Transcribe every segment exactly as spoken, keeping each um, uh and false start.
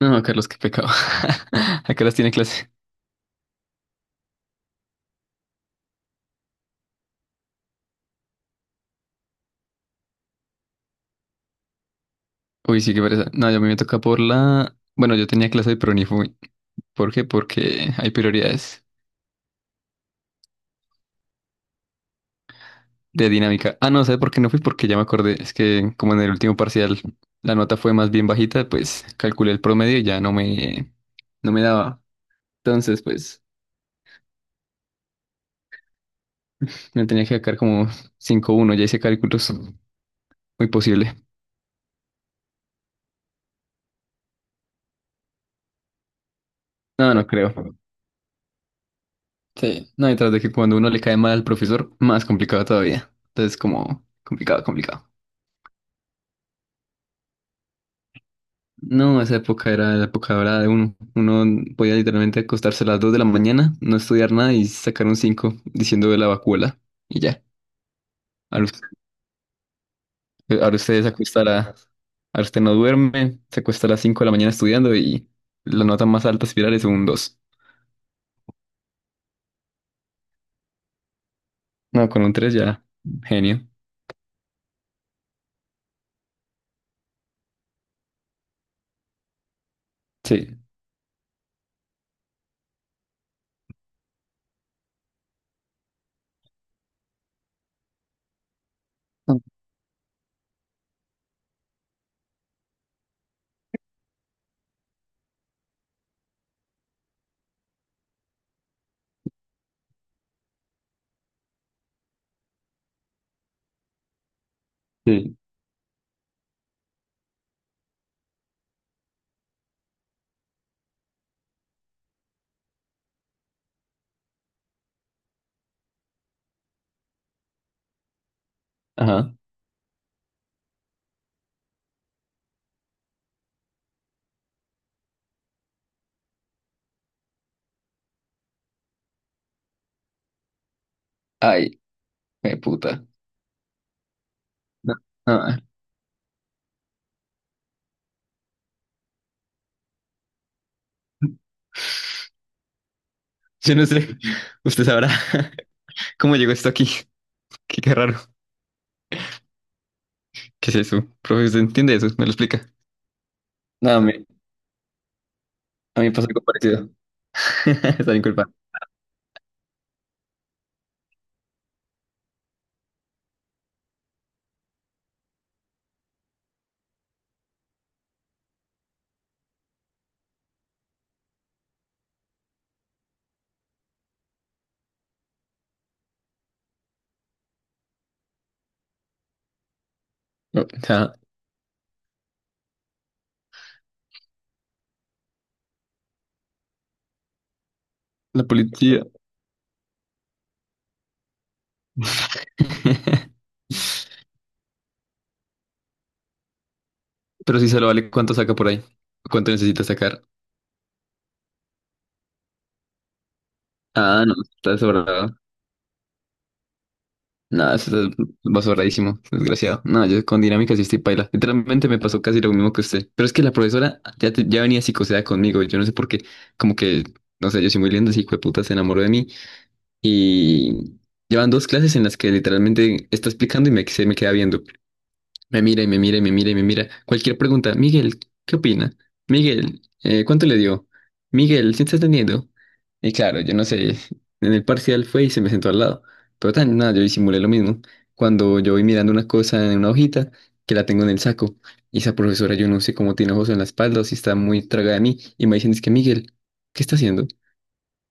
No, no, Carlos, qué pecado. ¿A qué horas tiene clase? Uy, sí, qué pereza. No, yo a mí me toca por la... Bueno, yo tenía clase, pero ni fui. ¿Por qué? Porque hay prioridades de dinámica. Ah, no, ¿sabes por qué no fui? Porque ya me acordé. Es que como en el último parcial la nota fue más bien bajita, pues calculé el promedio y ya no me, no me daba. Entonces, pues me tenía que sacar como cinco uno. Ya hice cálculos. Muy posible. No, no creo. Sí. No, y tras de que cuando uno le cae mal al profesor, más complicado todavía. Entonces, como complicado, complicado. No, esa época era la época dorada de uno. Uno podía literalmente acostarse a las dos de la mañana, no estudiar nada y sacar un cinco, diciendo de la vacuola. Y ya. Ahora usted, ahora usted se acuesta a la- ahora usted no duerme, se acuesta a las cinco de la mañana estudiando y la nota más alta espiral es un dos. No, con un tres ya. Genio. Sí. Sí. Ajá. Ay, qué puta. No, ah, yo no sé. Usted sabrá cómo llegó esto aquí. Qué, qué raro. ¿Qué es eso? Profe, ¿usted entiende eso? ¿Me lo explica? No, a mí, a mí me pasó algo parecido. Están inculpando. No, o sea, la policía. Pero si se lo vale, ¿cuánto saca por ahí? ¿Cuánto necesita sacar? Ah, no, está sobrado. No, eso está va sobradísimo, desgraciado. No, yo con dinámica sí estoy paila. Literalmente me pasó casi lo mismo que usted. Pero es que la profesora ya, te- ya venía psicoseada conmigo. Yo no sé por qué, como que, no sé, yo soy muy lindo, ese hijo de puta se enamoró de mí. Y llevan dos clases en las que literalmente está explicando y me, se me queda viendo. Me mira y me mira y me mira y me mira. Cualquier pregunta. Miguel, ¿qué opina? Miguel, eh, ¿cuánto le dio? Miguel, ¿sí estás teniendo? Y claro, yo no sé. En el parcial fue y se me sentó al lado. Pero tan nada, yo disimulé lo mismo. Cuando yo voy mirando una cosa en una hojita que la tengo en el saco. Y esa profesora, yo no sé cómo tiene ojos en la espalda o si está muy tragada de mí. Y me dicen, es que Miguel, ¿qué está haciendo?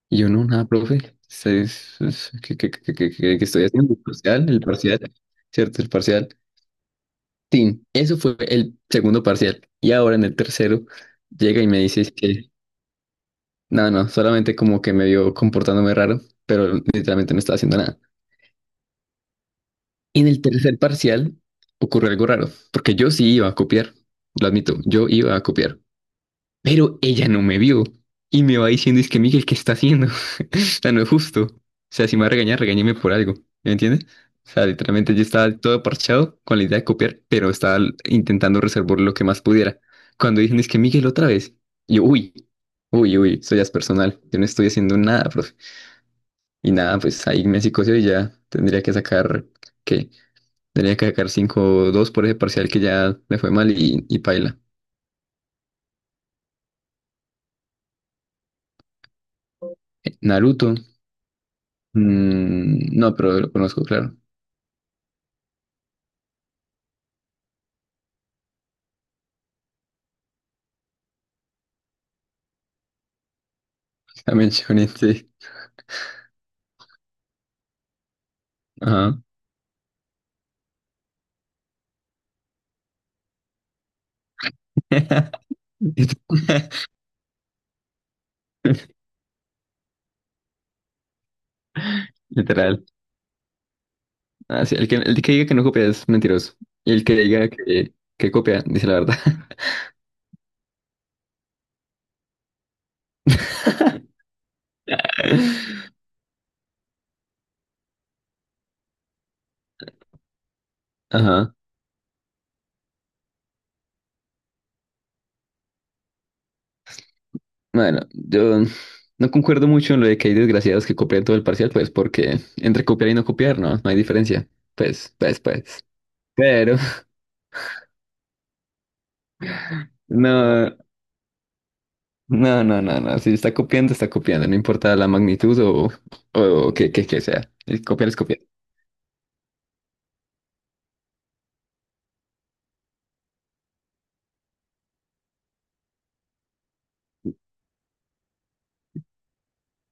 Y yo, no, nada, profe. Es- es- es- ¿Qué, qué, qué, qué, qué- qué estoy haciendo? El parcial, el parcial. ¿Cierto? El parcial. Sí, eso fue el segundo parcial. Y ahora en el tercero llega y me dices que, no, no, solamente como que me vio comportándome raro, pero literalmente no estaba haciendo nada. Y en el tercer parcial ocurrió algo raro, porque yo sí iba a copiar, lo admito, yo iba a copiar. Pero ella no me vio y me va diciendo, es que Miguel, ¿qué está haciendo? O sea, no es justo. O sea, si me va a regañar, regáñeme por algo. ¿Me entiendes? O sea, literalmente yo estaba todo parchado con la idea de copiar, pero estaba l- intentando reservar lo que más pudiera. Cuando dicen, es que Miguel, otra vez. Yo, uy, uy, uy, eso ya es personal. Yo no estoy haciendo nada, profe. Y nada, pues ahí me psicoseo y ya tendría que sacar, ¿qué? Tendría que sacar cinco dos por ese parcial que ya le fue mal y, y paila. Eh, Naruto. Mm, no, pero lo conozco, claro. También Shonen, sí. Ajá. Literal. Ah, sí, el que, el que diga que no copia es mentiroso. Y el que diga que, que copia, dice la verdad. Ajá. Bueno, yo no concuerdo mucho en lo de que hay desgraciados que copian todo el parcial, pues porque entre copiar y no copiar, no, no hay diferencia. Pues, pues, pues. Pero, no, no, no, no, no. Si está copiando, está copiando, no importa la magnitud o, o, que, que, que sea. El copiar es copiar.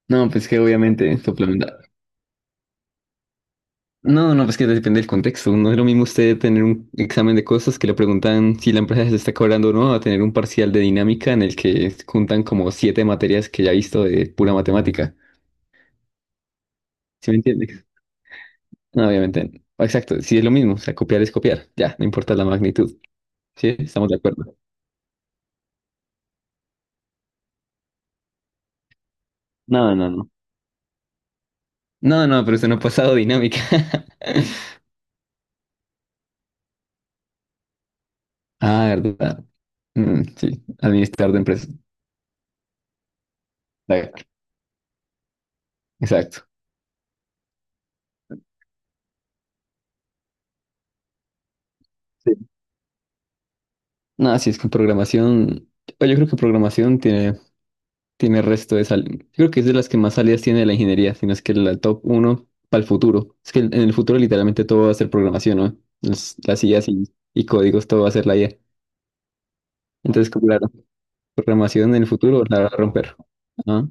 No, pues que obviamente suplementar. No, no, pues que depende del contexto. No es lo mismo usted tener un examen de cosas que le preguntan si la empresa se está cobrando o no, a tener un parcial de dinámica en el que juntan como siete materias que ya he visto de pura matemática. ¿Sí me entiendes? No, obviamente. Exacto, sí es lo mismo. O sea, copiar es copiar. Ya, no importa la magnitud. ¿Sí? Estamos de acuerdo. No, no, no. No, no, pero usted no ha pasado dinámica. Ah, verdad. Mm, sí, administrar de empresa. Exacto. No, si es que programación, o yo creo que programación tiene, tiene resto de salidas. Yo creo que es de las que más salidas tiene de la ingeniería, sino es que la top uno para el futuro. Es que en el futuro literalmente todo va a ser programación, ¿no? Las, las I As y, y códigos, todo va a ser la I A. Entonces, como, claro, programación en el futuro la va a romper. Ajá,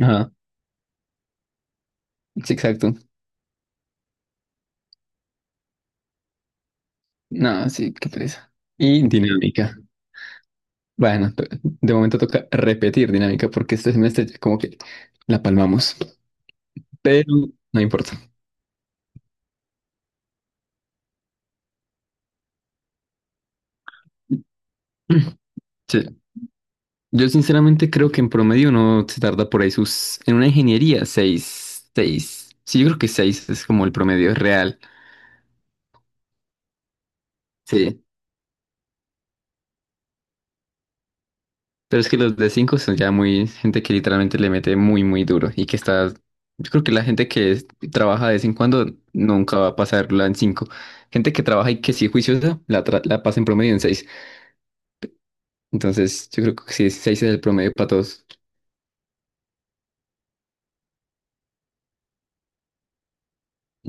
ajá. Sí, exacto. No, sí, qué pereza. Y dinámica. Bueno, to- de momento toca repetir dinámica porque este semestre ya como que la palmamos, pero no importa. Sí. Yo sinceramente creo que en promedio uno se tarda por ahí sus... En una ingeniería, seis, seis. Sí, yo creo que seis es como el promedio real. Sí. Pero es que los de cinco son ya muy... Gente que literalmente le mete muy, muy duro y que está... Yo creo que la gente que es- trabaja de vez en cuando nunca va a pasarla en cinco. Gente que trabaja y que sí es juiciosa, la, tra- la pasa en promedio en seis. Entonces, yo creo que sí, seis es el promedio para todos.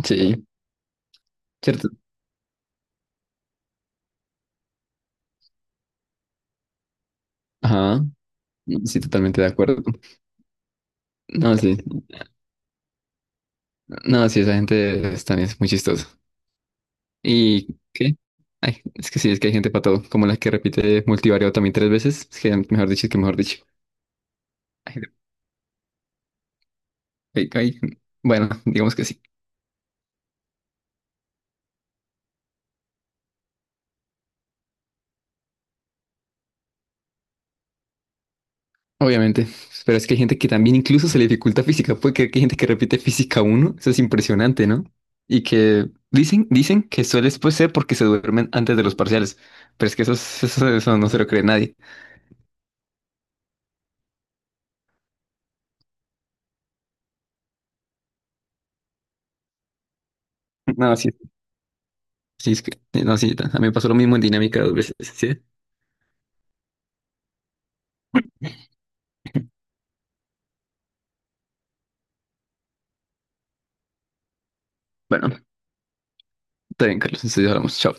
Sí, ¿cierto? Ajá. Sí, totalmente de acuerdo. No, sí. No, sí, esa gente es- también es muy chistosa. ¿Y qué? Ay, es que sí, es que hay gente para todo, como la que repite multivariado también tres veces. Es que mejor dicho, es que mejor dicho. Hay gente- hay- hay- Bueno, digamos que sí, obviamente. Pero es que hay gente que también incluso se le dificulta física. Puede creer que hay gente que repite física uno. Eso es impresionante, ¿no? Y que dicen, dicen que suele pues, ser porque se duermen antes de los parciales. Pero es que eso, es- eso, eso no se lo cree nadie. No, sí. Sí, es que, sí, no, sí, a mí me pasó lo mismo en dinámica dos veces, ¿sí? Bueno. Está bien, Carlos, entonces hablamos. Chao.